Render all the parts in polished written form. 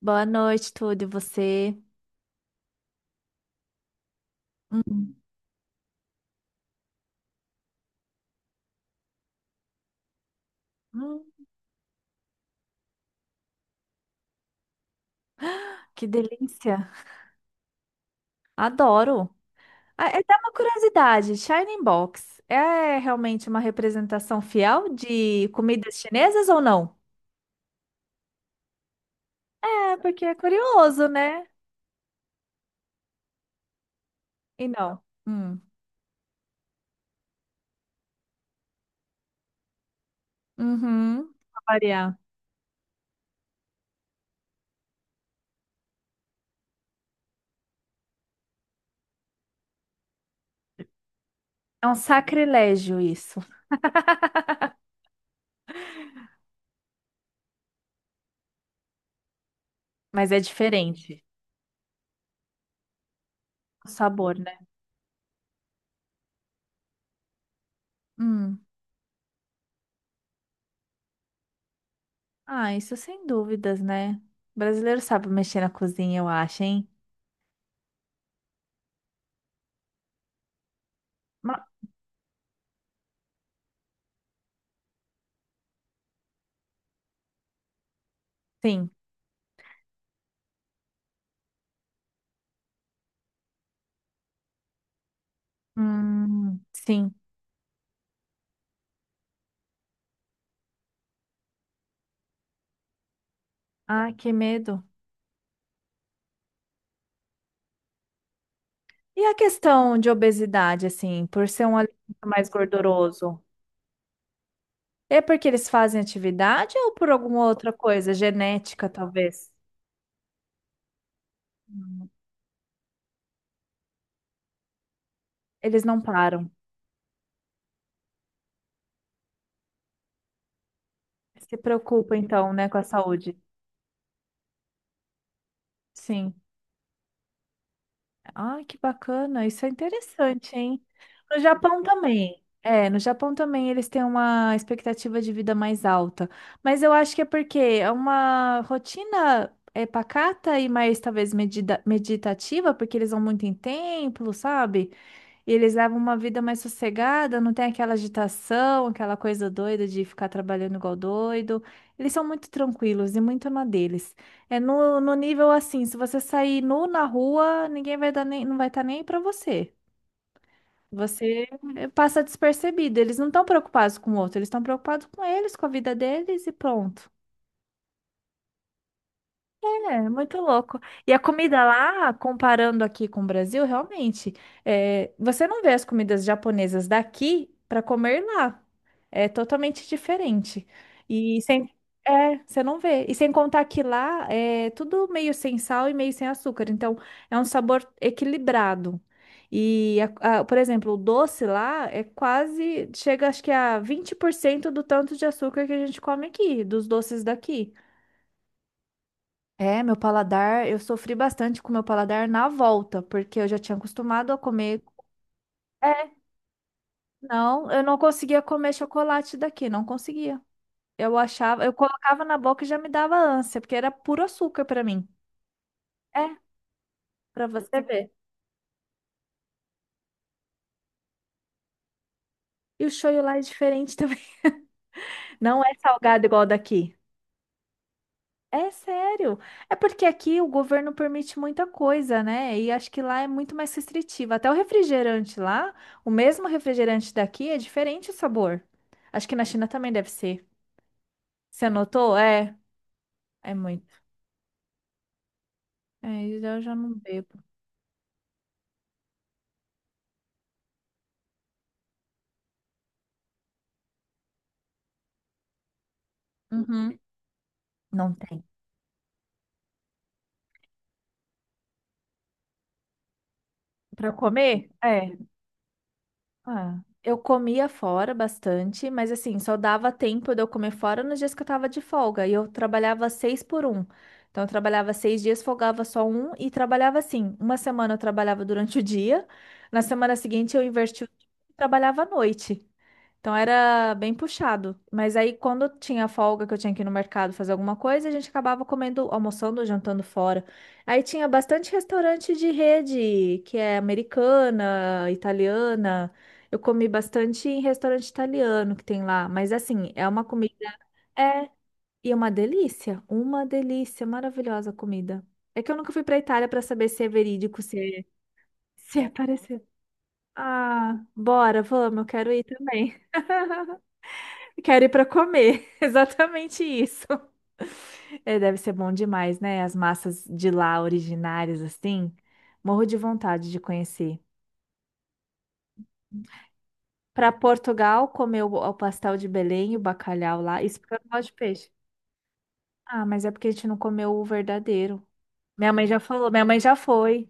Boa noite, tudo e você? Hum. Hum. Que delícia. Adoro. Ah, é até uma curiosidade, Shining Box é realmente uma representação fiel de comidas chinesas ou não? É, porque é curioso, né? E não. Hum. Uhum. Pra variar. É um sacrilégio isso, mas é diferente o sabor, né? Hum. Ah, isso sem dúvidas, né? O brasileiro sabe mexer na cozinha, eu acho, hein? Ma- Sim. Sim. Ah, que medo. E a questão de obesidade, assim, por ser um alimento mais gorduroso? É porque eles fazem atividade ou por alguma outra coisa, genética, talvez? Hum. Eles não param. Se preocupam, então, né, com a saúde. Sim. Ah, que bacana. Isso é interessante, hein? No Japão também. É, no Japão também eles têm uma expectativa de vida mais alta. Mas eu acho que é porque é uma rotina pacata e mais talvez meditativa, porque eles vão muito em templo, sabe? E eles levam uma vida mais sossegada, não tem aquela agitação, aquela coisa doida de ficar trabalhando igual doido. Eles são muito tranquilos e muito na deles. É no, no nível assim, se você sair nu na rua, ninguém vai dar nem, não vai estar nem aí pra você. Você passa despercebido. Eles não estão preocupados com o outro, eles estão preocupados com eles, com a vida deles e pronto. É, muito louco. E a comida lá, comparando aqui com o Brasil, realmente, você não vê as comidas japonesas daqui para comer lá. É totalmente diferente. E sem, você não vê. E sem contar que lá é tudo meio sem sal e meio sem açúcar. Então, é um sabor equilibrado. E, por exemplo, o doce lá é quase, chega acho que a 20% do tanto de açúcar que a gente come aqui, dos doces daqui. É, meu paladar, eu sofri bastante com meu paladar na volta, porque eu já tinha acostumado a comer. É, não, eu não conseguia comer chocolate daqui, não conseguia. Eu achava, eu colocava na boca e já me dava ânsia, porque era puro açúcar pra mim. É, pra você ver. E o shoyu lá é diferente também. Não é salgado igual daqui. É sério. É porque aqui o governo permite muita coisa, né? E acho que lá é muito mais restritivo. Até o refrigerante lá, o mesmo refrigerante daqui é diferente o sabor. Acho que na China também deve ser. Você anotou? É muito. É, eu já não bebo. Uhum. Não tem. Para comer? É. Ah, eu comia fora bastante, mas assim, só dava tempo de eu comer fora nos dias que eu tava de folga. E eu trabalhava seis por um. Então, eu trabalhava seis dias, folgava só um e trabalhava assim. Uma semana eu trabalhava durante o dia, na semana seguinte eu invertia o dia e trabalhava à noite. Então era bem puxado. Mas aí quando tinha folga que eu tinha que ir no mercado fazer alguma coisa, a gente acabava comendo, almoçando, jantando fora. Aí tinha bastante restaurante de rede, que é americana, italiana. Eu comi bastante em restaurante italiano que tem lá, mas assim, é uma comida é, e é uma delícia, maravilhosa a comida. É que eu nunca fui para Itália para saber se é verídico, se é, se é parecido. Ah, bora, vamos, eu quero ir também. Quero ir para comer. Exatamente isso. É, deve ser bom demais, né? As massas de lá originárias, assim. Morro de vontade de conhecer. Para Portugal, comer o pastel de Belém e o bacalhau lá. Isso porque eu não gosto de peixe. Ah, mas é porque a gente não comeu o verdadeiro. Minha mãe já falou, minha mãe já foi.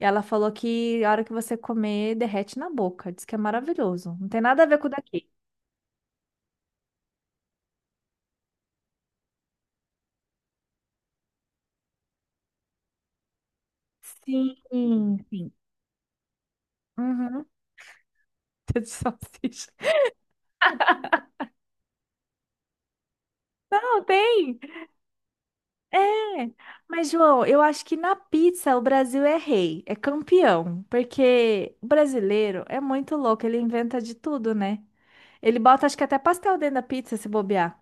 E ela falou que a hora que você comer, derrete na boca. Diz que é maravilhoso. Não tem nada a ver com o daqui. Sim, sim. Uhum. De salsicha. Não, tem. É, mas João, eu acho que na pizza o Brasil é rei, é campeão, porque o brasileiro é muito louco, ele inventa de tudo, né? Ele bota, acho que até pastel dentro da pizza, se bobear.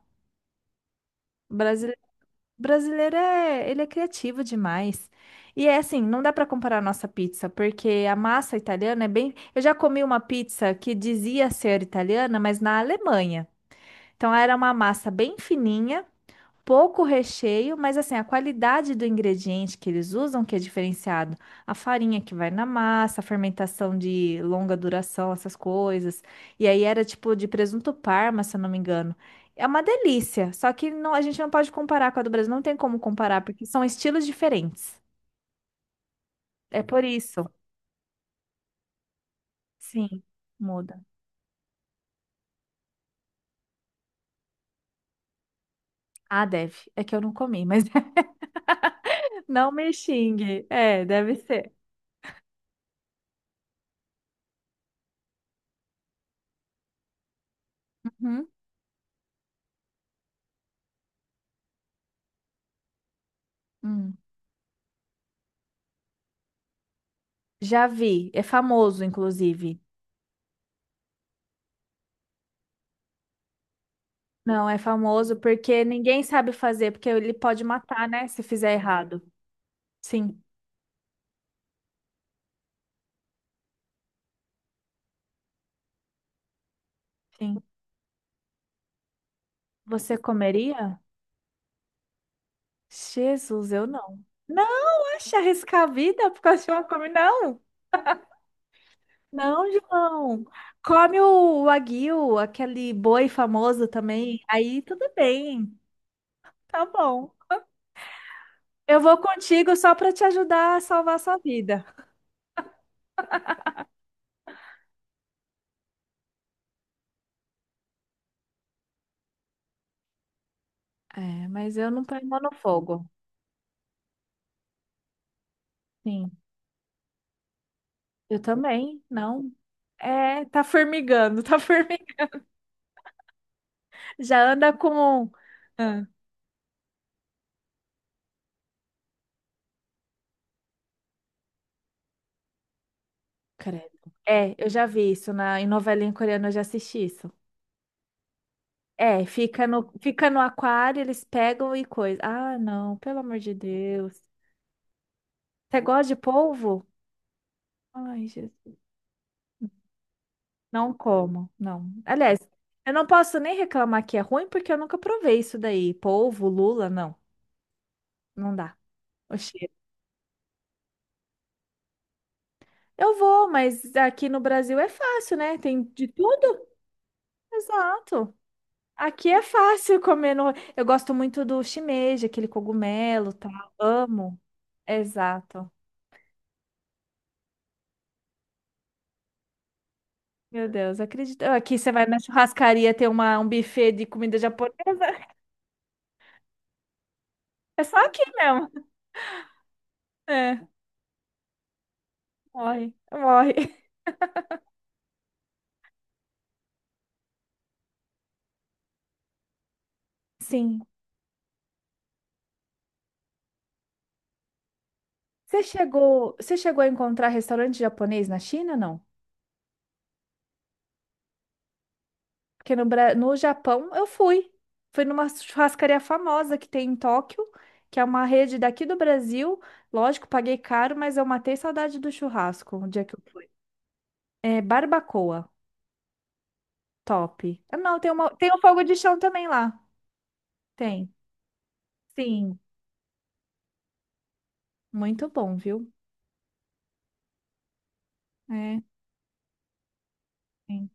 O brasileiro é, ele é criativo demais. E é assim, não dá para comparar a nossa pizza, porque a massa italiana é bem. Eu já comi uma pizza que dizia ser italiana, mas na Alemanha. Então era uma massa bem fininha pouco recheio, mas assim, a qualidade do ingrediente que eles usam que é diferenciado. A farinha que vai na massa, a fermentação de longa duração, essas coisas. E aí era tipo de presunto parma, se eu não me engano. É uma delícia, só que não, a gente não pode comparar com a do Brasil, não tem como comparar, porque são estilos diferentes. É por isso. Sim, muda. Ah, deve. É que eu não comi, mas não me xingue. É, deve ser. Uhum. Hum. Já vi, é famoso, inclusive. Não, é famoso porque ninguém sabe fazer, porque ele pode matar, né, se fizer errado. Sim, sim. Você comeria? Jesus, eu não. Não, acha arriscar a vida por causa de uma come não. Não, João. Come o wagyu, aquele boi famoso também. Aí tudo bem. Tá bom. Eu vou contigo só para te ajudar a salvar a sua vida. É, mas eu não ponho mão no fogo. Sim, eu também. Não. É, tá formigando, tá formigando. Já anda com. Ah. Credo. É, eu já vi isso em novelinha coreana, eu já assisti isso. É, fica no aquário, eles pegam e coisa. Ah, não, pelo amor de Deus. Você gosta de polvo? Ai, Jesus. Não como, não. Aliás, eu não posso nem reclamar que é ruim, porque eu nunca provei isso daí. Polvo, lula, não. Não dá. O cheiro. Eu vou, mas aqui no Brasil é fácil, né? Tem de tudo. Exato. Aqui é fácil comer no... Eu gosto muito do shimeji, aquele cogumelo, tá? Amo. Exato. Meu Deus, acredito. Aqui você vai na churrascaria ter um buffet de comida japonesa. É só aqui mesmo. É, morre, morre. Sim. Você chegou a encontrar restaurante japonês na China, não? Porque no Japão eu fui. Fui numa churrascaria famosa que tem em Tóquio, que é uma rede daqui do Brasil. Lógico, paguei caro, mas eu matei saudade do churrasco o dia que eu fui. É barbacoa, top. Ah, não, tem tem um fogo de chão também lá. Tem. Sim, muito bom, viu? É, sim.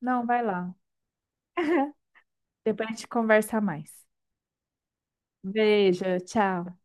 Não, vai lá. Depois a gente conversa mais. Beijo, tchau.